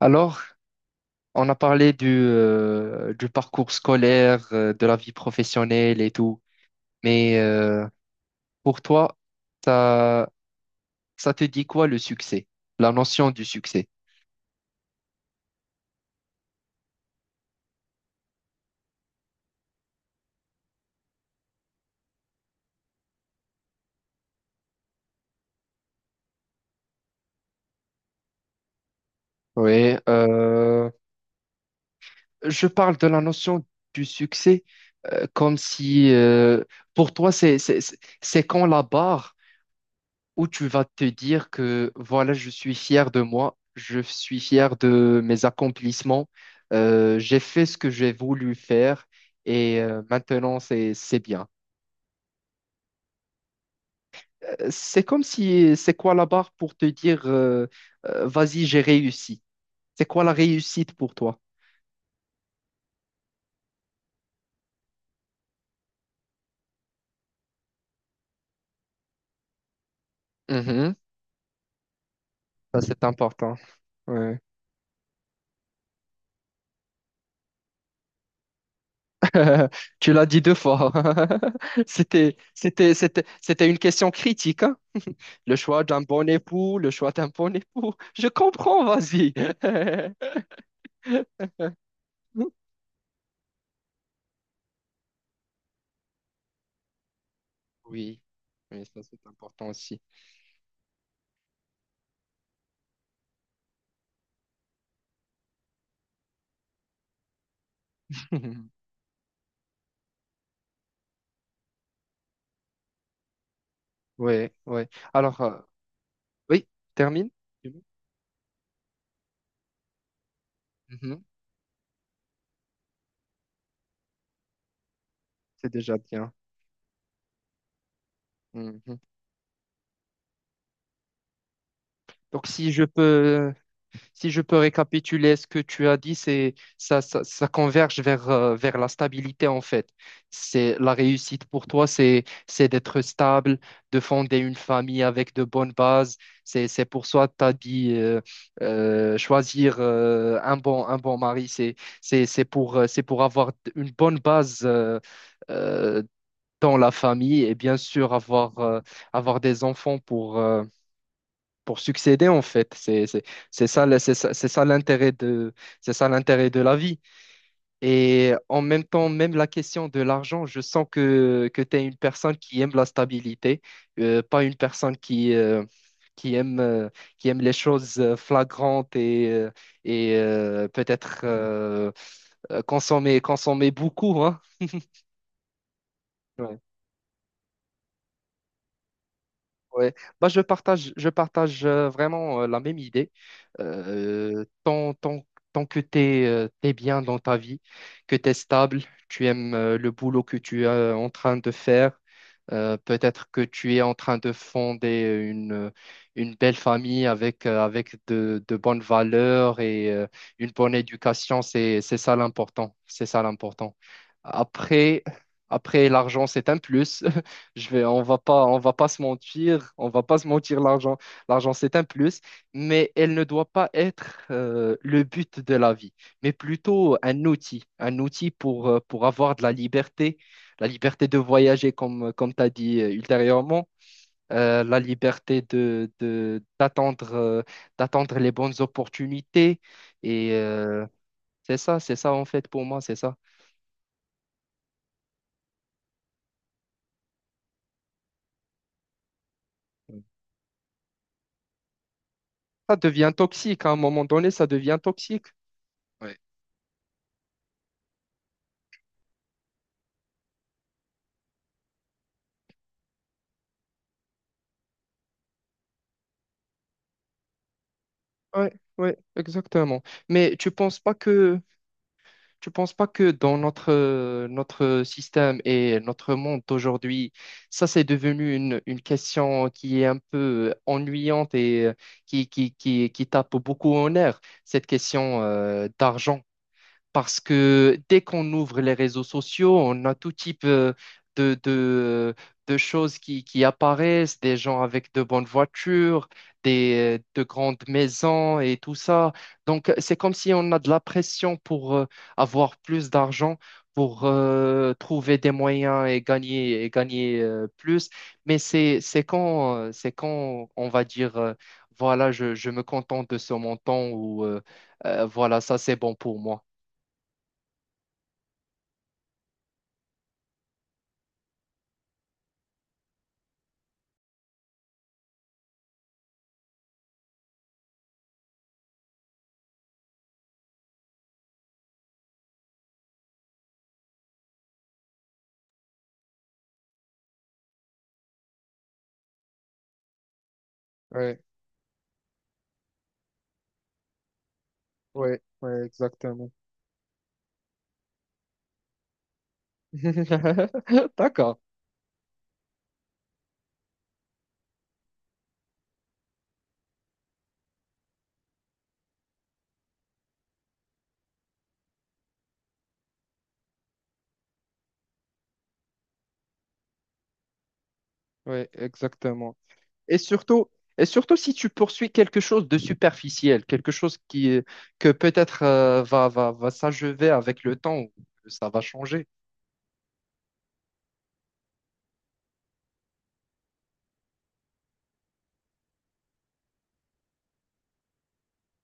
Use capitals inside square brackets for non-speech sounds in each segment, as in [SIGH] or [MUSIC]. Alors, on a parlé du parcours scolaire, de la vie professionnelle et tout. Mais pour toi, ça, ça te dit quoi le succès? La notion du succès? Oui, je parle de la notion du succès, comme si, pour toi, c'est quand la barre où tu vas te dire que voilà, je suis fier de moi, je suis fier de mes accomplissements, j'ai fait ce que j'ai voulu faire et maintenant c'est bien. C'est comme si c'est quoi la barre pour te dire vas-y, j'ai réussi. C'est quoi la réussite pour toi? Mhm. Ça, c'est important. Ouais. [LAUGHS] Tu l'as dit deux fois. [LAUGHS] C'était une question critique, hein. Le choix d'un bon époux, le choix d'un bon époux. Je comprends, vas-y. [LAUGHS] Oui, oui, ça c'est important aussi. [LAUGHS] Oui, oui. Alors, oui, termine. Mhm. C'est déjà bien. Mhm. Donc, si je peux récapituler ce que tu as dit, c'est ça converge vers, vers la stabilité en fait. C'est la réussite pour toi, c'est d'être stable, de fonder une famille avec de bonnes bases. C'est pour ça que tu as dit choisir, un bon mari, c'est pour avoir une bonne base, euh, dans la famille et bien sûr avoir des enfants pour succéder en fait. C'est ça le- c'est ça c'est ça l'intérêt de c'est ça l'intérêt de la vie. Et en même temps, même la question de l'argent, je sens que tu es une personne qui aime la stabilité, pas une personne qui aime euh, qui aime les choses, flagrantes et peut-être, consommer consommer beaucoup, hein. Ouais. Bah, je partage vraiment, la même idée. Euh, tant, tant, tant que tu es bien dans ta vie, que tu es stable, tu aimes, le boulot que tu es, en train de faire, peut-être que tu es en train de fonder une, une belle famille avec de bonnes valeurs et une bonne éducation, c'est ça l'important. C'est ça l'important. Après, après, l'argent, c'est un plus. On va pas se mentir, on va pas se mentir, l'argent, l'argent c'est un plus, mais elle ne doit pas être, le but de la vie, mais plutôt un outil, pour avoir de la liberté de voyager comme tu as dit, ultérieurement, la liberté d'attendre les bonnes opportunités, et c'est ça en fait pour moi, c'est ça. Ça devient toxique, à un moment donné, ça devient toxique. Ouais, ouais, exactement. Mais tu penses pas que dans notre système et notre monde d'aujourd'hui, ça c'est devenu une question qui est un peu, ennuyante et qui tape beaucoup en air, cette question, d'argent, parce que dès qu'on ouvre les réseaux sociaux, on a tout type, de, de, de, choses qui apparaissent, des gens avec de bonnes voitures, de grandes maisons et tout ça. Donc, c'est comme si on a de la pression pour, avoir plus d'argent, pour, trouver des moyens et gagner plus. Mais c'est quand on va dire, voilà, je me contente de ce montant ou, voilà, ça c'est bon pour moi. Ouais, ouais, ouais, exactement. [LAUGHS] D'accord. Oui, exactement. Et surtout, et surtout, si tu poursuis quelque chose de superficiel, quelque chose que peut-être, va s'achever avec le temps, ou que ça va changer.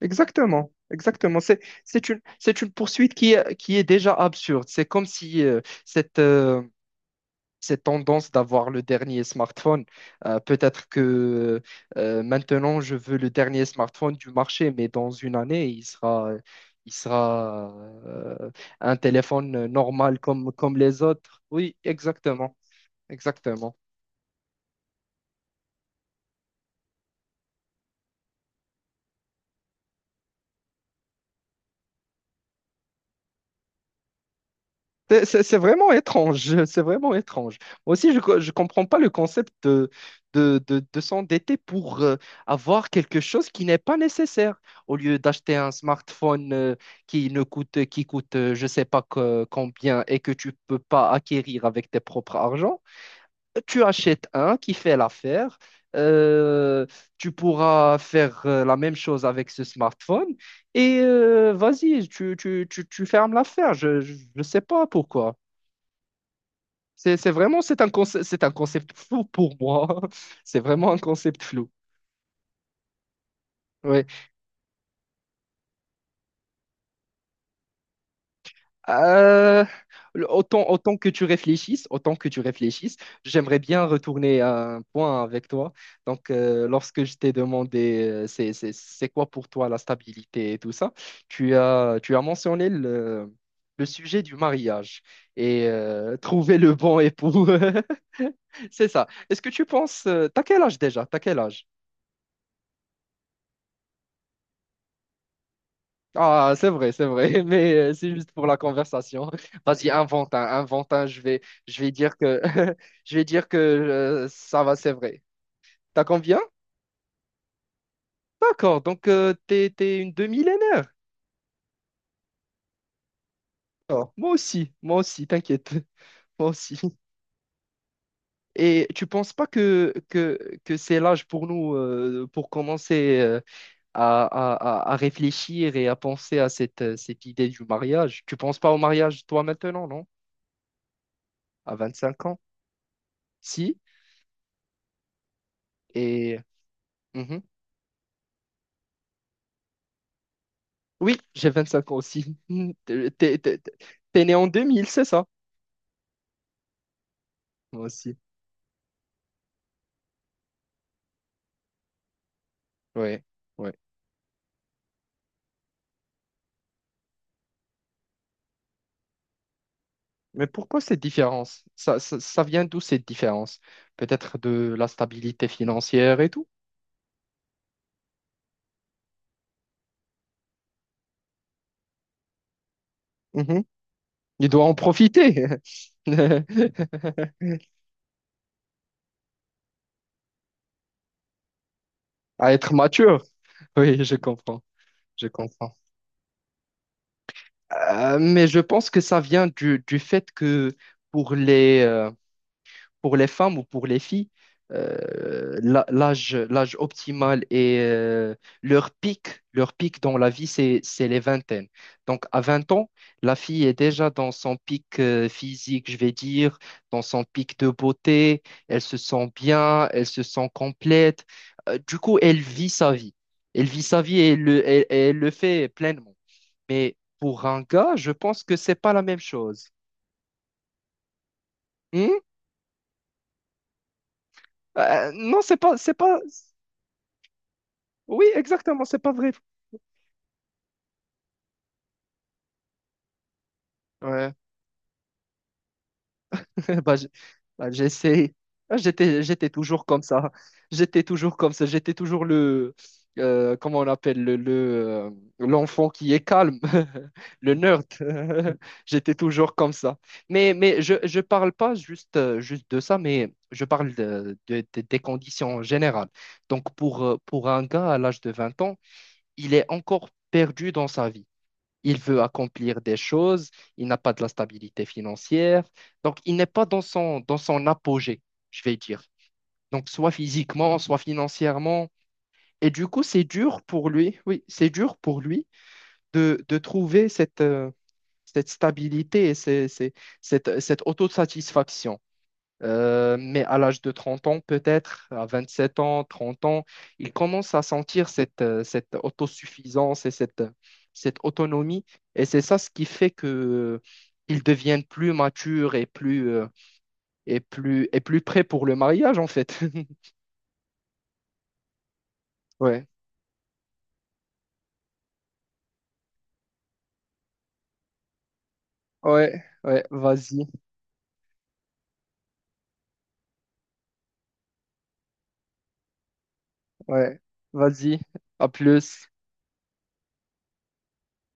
Exactement. Exactement. C'est une poursuite qui est déjà absurde. C'est comme si, cette cette tendance d'avoir le dernier smartphone. Peut-être que, maintenant, je veux le dernier smartphone du marché, mais dans une année, il sera euh, un téléphone normal comme les autres. Oui, exactement, exactement. C'est vraiment étrange, [LAUGHS] c'est vraiment étrange. Moi aussi, je ne comprends pas le concept de, s'endetter pour, avoir quelque chose qui n'est pas nécessaire. Au lieu d'acheter un smartphone, qui coûte, je ne sais pas combien et que tu peux pas acquérir avec tes propres argent, tu achètes un qui fait l'affaire. Euh, Tu pourras faire, la même chose avec ce smartphone et vas-y, tu fermes l'affaire. Je ne sais pas pourquoi. C'est un concept flou pour moi. [LAUGHS] C'est vraiment un concept flou. Ouais. Euh, autant que tu réfléchisses, autant que tu réfléchisses, j'aimerais bien retourner à un point avec toi. Donc, lorsque je t'ai demandé, c'est quoi pour toi la stabilité et tout ça, tu as mentionné le sujet du mariage et trouver le bon époux. [LAUGHS] C'est ça. Est-ce que tu penses t'as quel âge déjà? T'as quel âge? Ah, c'est vrai, [LAUGHS] mais, c'est juste pour la conversation. [LAUGHS] Vas-y, invente un, je vais dire que, [LAUGHS] je vais dire que, ça va, c'est vrai. T'as combien? D'accord, donc, t'es une demi-millénaire. D'accord, moi aussi, t'inquiète, [LAUGHS] moi aussi. Et tu penses pas que c'est l'âge pour nous, pour commencer, à, à, à réfléchir et à penser à cette idée du mariage? Tu penses pas au mariage toi maintenant, non? À 25 ans? Si, et... mhm. Oui, j'ai 25 ans aussi. [LAUGHS] T'es t'es- t'es- t'es né en 2000, c'est ça? Moi aussi. Ouais, ouais. Mais pourquoi cette différence? Ça, ça vient d'où cette différence? Peut-être de la stabilité financière et tout. Mhm. Il doit en profiter. [LAUGHS] À être mature. Oui, je comprends. Je comprends. Mais je pense que ça vient du fait que pour les, euh, pour les femmes ou pour les filles, l'âge optimal et leur pic dans la vie, c'est les vingtaines. Donc, à 20 ans, la fille est déjà dans son pic, physique, je vais dire, dans son pic de beauté. Elle se sent bien, elle se sent complète. Du coup, elle vit sa vie. Elle vit sa vie et et elle le fait pleinement. Mais pour un gars, je pense que c'est pas la même chose. Hmm? Non, c'est pas, c'est pas. Oui, exactement, c'est pas vrai. Ouais. [LAUGHS] Bah, j'ai essayé. Ah, j'étais toujours comme ça. J'étais toujours comme ça. J'étais toujours le, comment on appelle, euh, l'enfant qui est calme, [LAUGHS] le nerd. [LAUGHS] J'étais toujours comme ça. Mais, je parle pas juste de ça, mais je parle de, des conditions générales. Donc, pour un gars à l'âge de 20 ans, il est encore perdu dans sa vie. Il veut accomplir des choses, il n'a pas de la stabilité financière, donc il n'est pas dans son, apogée, je vais dire. Donc soit physiquement, soit financièrement. Et du coup, c'est dur pour lui, oui, c'est dur pour lui de trouver cette stabilité et cette autosatisfaction. Mais à l'âge de 30 ans, peut-être, à 27 ans, 30 ans, il commence à sentir cette autosuffisance et cette autonomie. Et c'est ça ce qui fait que, ils deviennent plus matures et plus, et plus prêts pour le mariage, en fait. [LAUGHS] Ouais, ouais, ouais, vas-y, à plus.